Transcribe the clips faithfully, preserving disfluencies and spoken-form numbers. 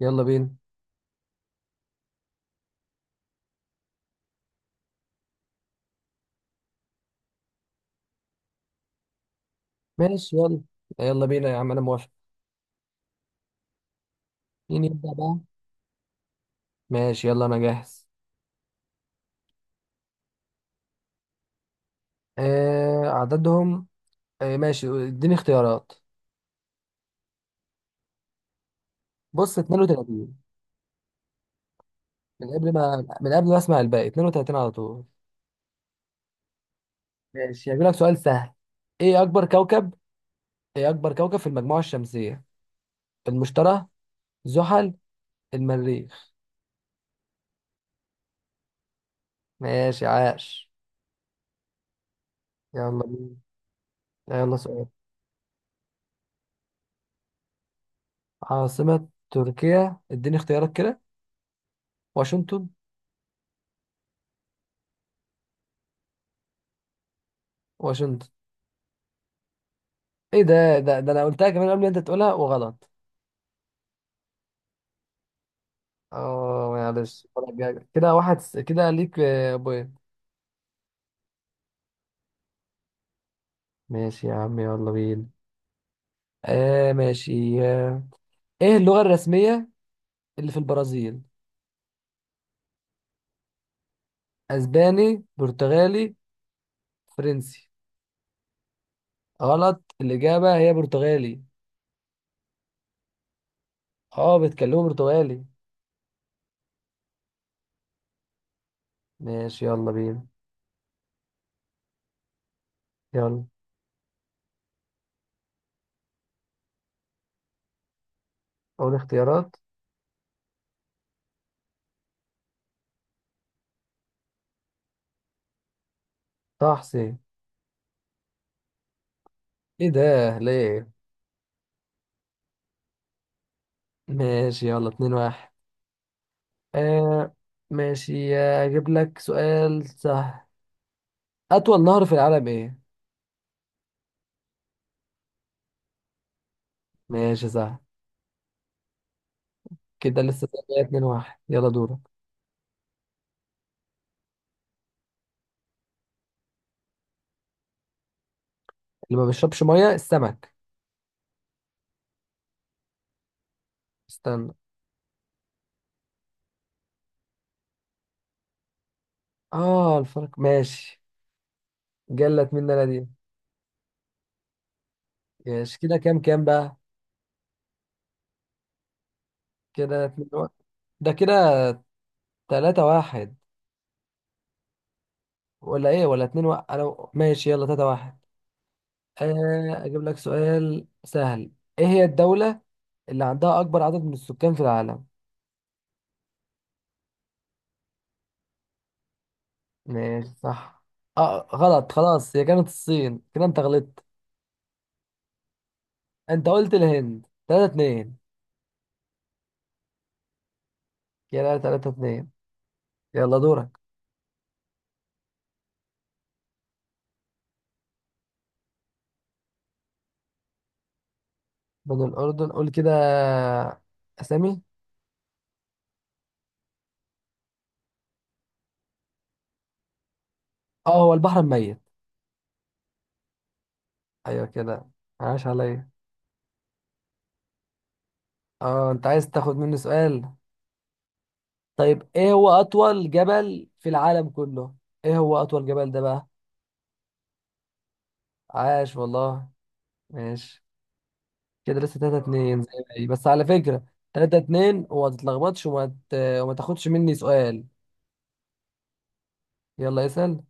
يلا بينا. ماشي، يلا. يلا بينا يا عم، انا موافق. مين يبدأ بقى؟ ماشي يلا، انا جاهز. آه عددهم. آه ماشي، اديني اختيارات. بص، اتنين وتلاتين. من قبل ما من قبل ما اسمع الباقي، اتنين وتلاتين على طول. ماشي، هجيب لك سؤال سهل. ايه اكبر كوكب؟ ايه اكبر كوكب في المجموعة الشمسية؟ المشتري، زحل، المريخ. ماشي، عاش. يلا بينا. يلا سؤال. عاصمة تركيا، اديني اختيارات كده. واشنطن. واشنطن. ايه ده ده ده انا قلتها كمان قبل ما انت تقولها وغلط. اه معلش، المرة الجاية. كده واحد س- كده ليك آه، بوينت. ماشي يا عم، يلا بينا. آه ماشي آه. ايه اللغة الرسمية اللي في البرازيل؟ اسباني، برتغالي، فرنسي. غلط، الإجابة هي برتغالي. اه بيتكلموا برتغالي. ماشي يلا بينا. يلا. اول اختيارات. طه حسين. ايه ده ليه؟ ماشي يلا، اتنين واحد. آه ماشي. آه، اجيب لك سؤال سهل. أطول نهر في العالم إيه؟ ماشي، صح. كده لسه زي اتنين واحد، يلا دورك. اللي ما بيشربش مية؟ السمك. استنى. آه الفرق ماشي. جلت مننا دي. ماشي، كده كام كام بقى؟ كده اتنين واحد. ده كده تلاتة واحد. ولا إيه، ولا اتنين واحد؟ أنا ماشي يلا، تلاتة واحد. آه، أجيب لك سؤال سهل. إيه هي الدولة اللي عندها أكبر عدد من السكان في العالم؟ ماشي، صح. آه غلط، خلاص هي كانت الصين، كده أنت غلطت. أنت قلت الهند، تلاتة اتنين. كده تلاتة اتنين. يلا دورك. من الأردن، قول كده أسامي. اه هو البحر الميت. أيوة كده، عاش عليا. اه أنت عايز تاخد مني سؤال. طيب، إيه هو أطول جبل في العالم كله؟ إيه هو أطول جبل ده بقى؟ عاش والله. ماشي، كده لسه تلاتة اتنين زي ما هي، بس على فكرة. تلاتة اتنين، وما تتلخبطش وما ت... وما تاخدش مني سؤال. يلا اسأل.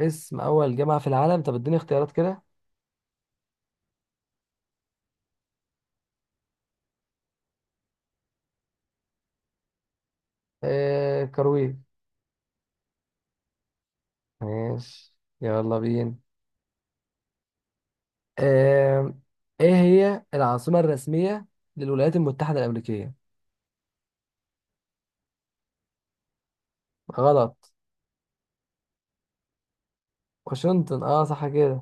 اسم أول جامعة في العالم؟ طب اديني اختيارات كده. آه، كروي. ماشي يلا بينا. آم، ايه هي العاصمة الرسمية للولايات المتحدة الأمريكية؟ غلط. واشنطن. اه صح كده.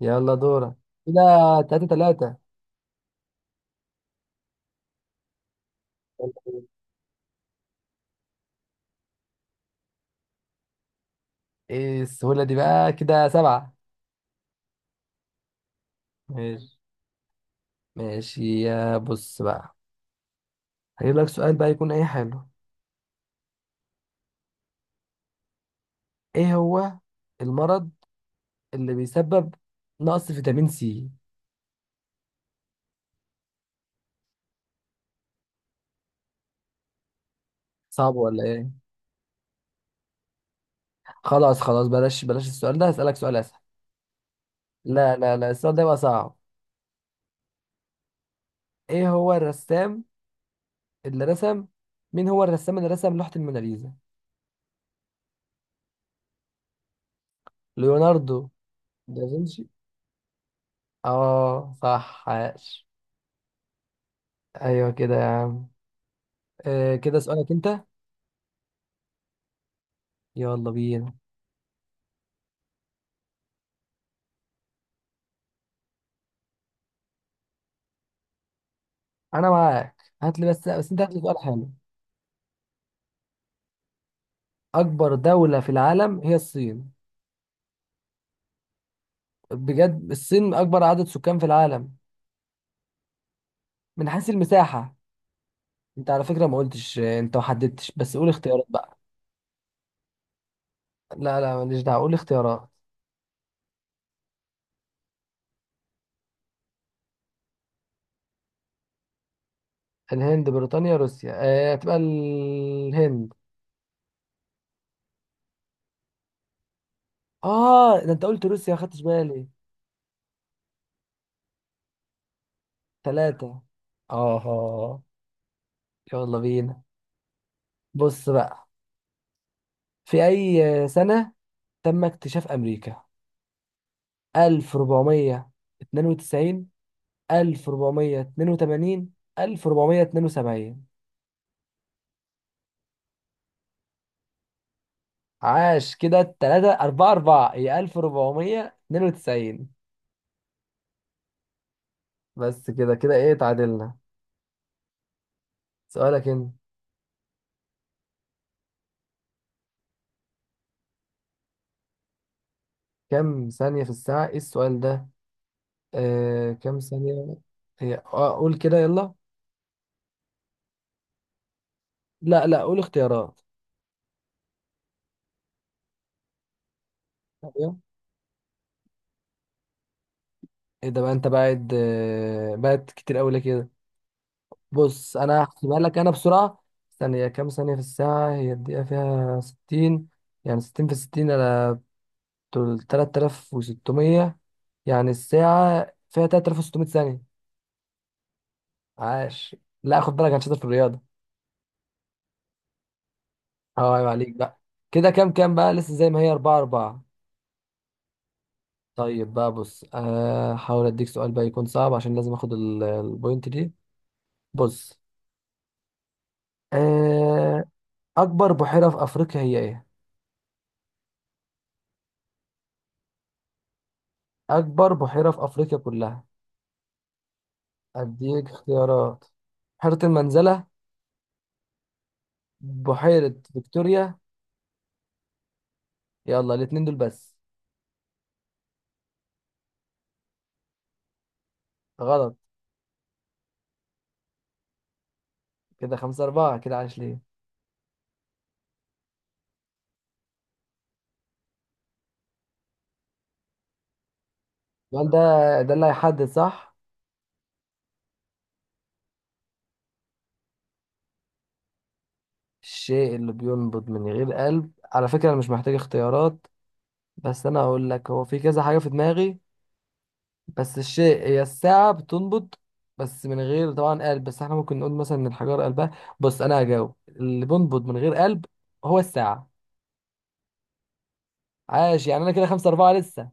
يلا دورك. كده تلاتة تلاتة. ايه السهولة دي بقى؟ كده سبعة. ماشي. ماشي، يا بص بقى، هجيب لك سؤال بقى يكون ايه حلو. ايه هو المرض اللي بيسبب نقص فيتامين سي؟ صعب ولا ايه؟ خلاص خلاص، بلاش بلاش السؤال ده، هسألك سؤال اسهل. لا لا لا، السؤال ده بقى صعب. ايه هو الرسام اللي رسم؟ مين هو الرسام اللي رسم لوحة الموناليزا؟ ليوناردو دافنشي. اه صح، عاش. ايوه كده يا عم. آه، كده سؤالك انت. يلا بينا. انا معاك. هات لي، بس بس انت هات لي سؤال حلو. اكبر دولة في العالم هي الصين. بجد، الصين اكبر عدد سكان في العالم. من حيث المساحة؟ انت على فكرة ما قلتش، آه، انت ما حددتش، بس قول اختيارات بقى. لا لا، ماليش دعوة، قول اختيارات. الهند، بريطانيا، روسيا. آه، تبقى الهند. اه ده انت قلت روسيا، ما خدتش بالي. ثلاثة. اه. يلا بينا. بص بقى، في اي سنة تم اكتشاف امريكا؟ ألف وأربعمية اتنين وتسعين، ألف وأربعمية اتنين وتمانين، ألف وأربعمية اتنين وسبعين. عاش، كده التلاتة أربعة أربعة، هي ألف وأربعمية اتنين وتسعين. بس كده كده، إيه، تعادلنا. سؤالك أنت. كم ثانية في الساعة؟ إيه السؤال ده؟ آه، كم ثانية؟ هي آه، قول كده يلا. لا لا، قول اختيارات. ايوه. ايه ده بقى؟ انت بعد آه، بعد كتير قوي ليه كده؟ بص، انا هحسبها لك انا بسرعه. ثانيه، كام ثانيه في الساعه؟ هي الدقيقه فيها ستين، يعني ستين في ستين على. بتقول تلاتة آلاف وستمية. يعني الساعه فيها تلاتة آلاف وستمية ثانيه. عاش. لا خد بالك، انا شاطر في الرياضه. اه عيب عليك بقى. كده كام كام بقى؟ لسه زي ما هي، أربعة أربعة. طيب بقى بص، آه، هحاول اديك سؤال بقى يكون صعب، عشان لازم اخد ال- البوينت دي. بص. أه، أكبر بحيرة في أفريقيا هي إيه؟ أكبر بحيرة في أفريقيا كلها. أديك اختيارات. بحيرة المنزلة، بحيرة فيكتوريا. يلا الاتنين دول بس. غلط. كده خمسة أربعة. كده عايش ليه؟ السؤال ده، ده اللي هيحدد صح. الشيء اللي بينبض من غير قلب؟ على فكرة أنا مش محتاج اختيارات، بس أنا هقول لك. هو في كذا حاجة في دماغي، بس الشيء هي الساعة بتنبض، بس من غير طبعا قلب، بس احنا ممكن نقول مثلا ان الحجارة قلبها. بص، أنا هجاوب. اللي بينبض من غير قلب هو الساعة. عاش. يعني انا كده خمسة أربعة لسه.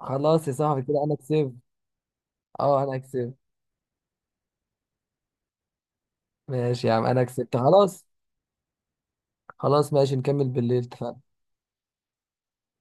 خلاص يا صاحبي، كده انا كسبت. اه انا كسبت. ماشي يا عم، انا كسبت خلاص. خلاص ماشي، نكمل بالليل، اتفقنا.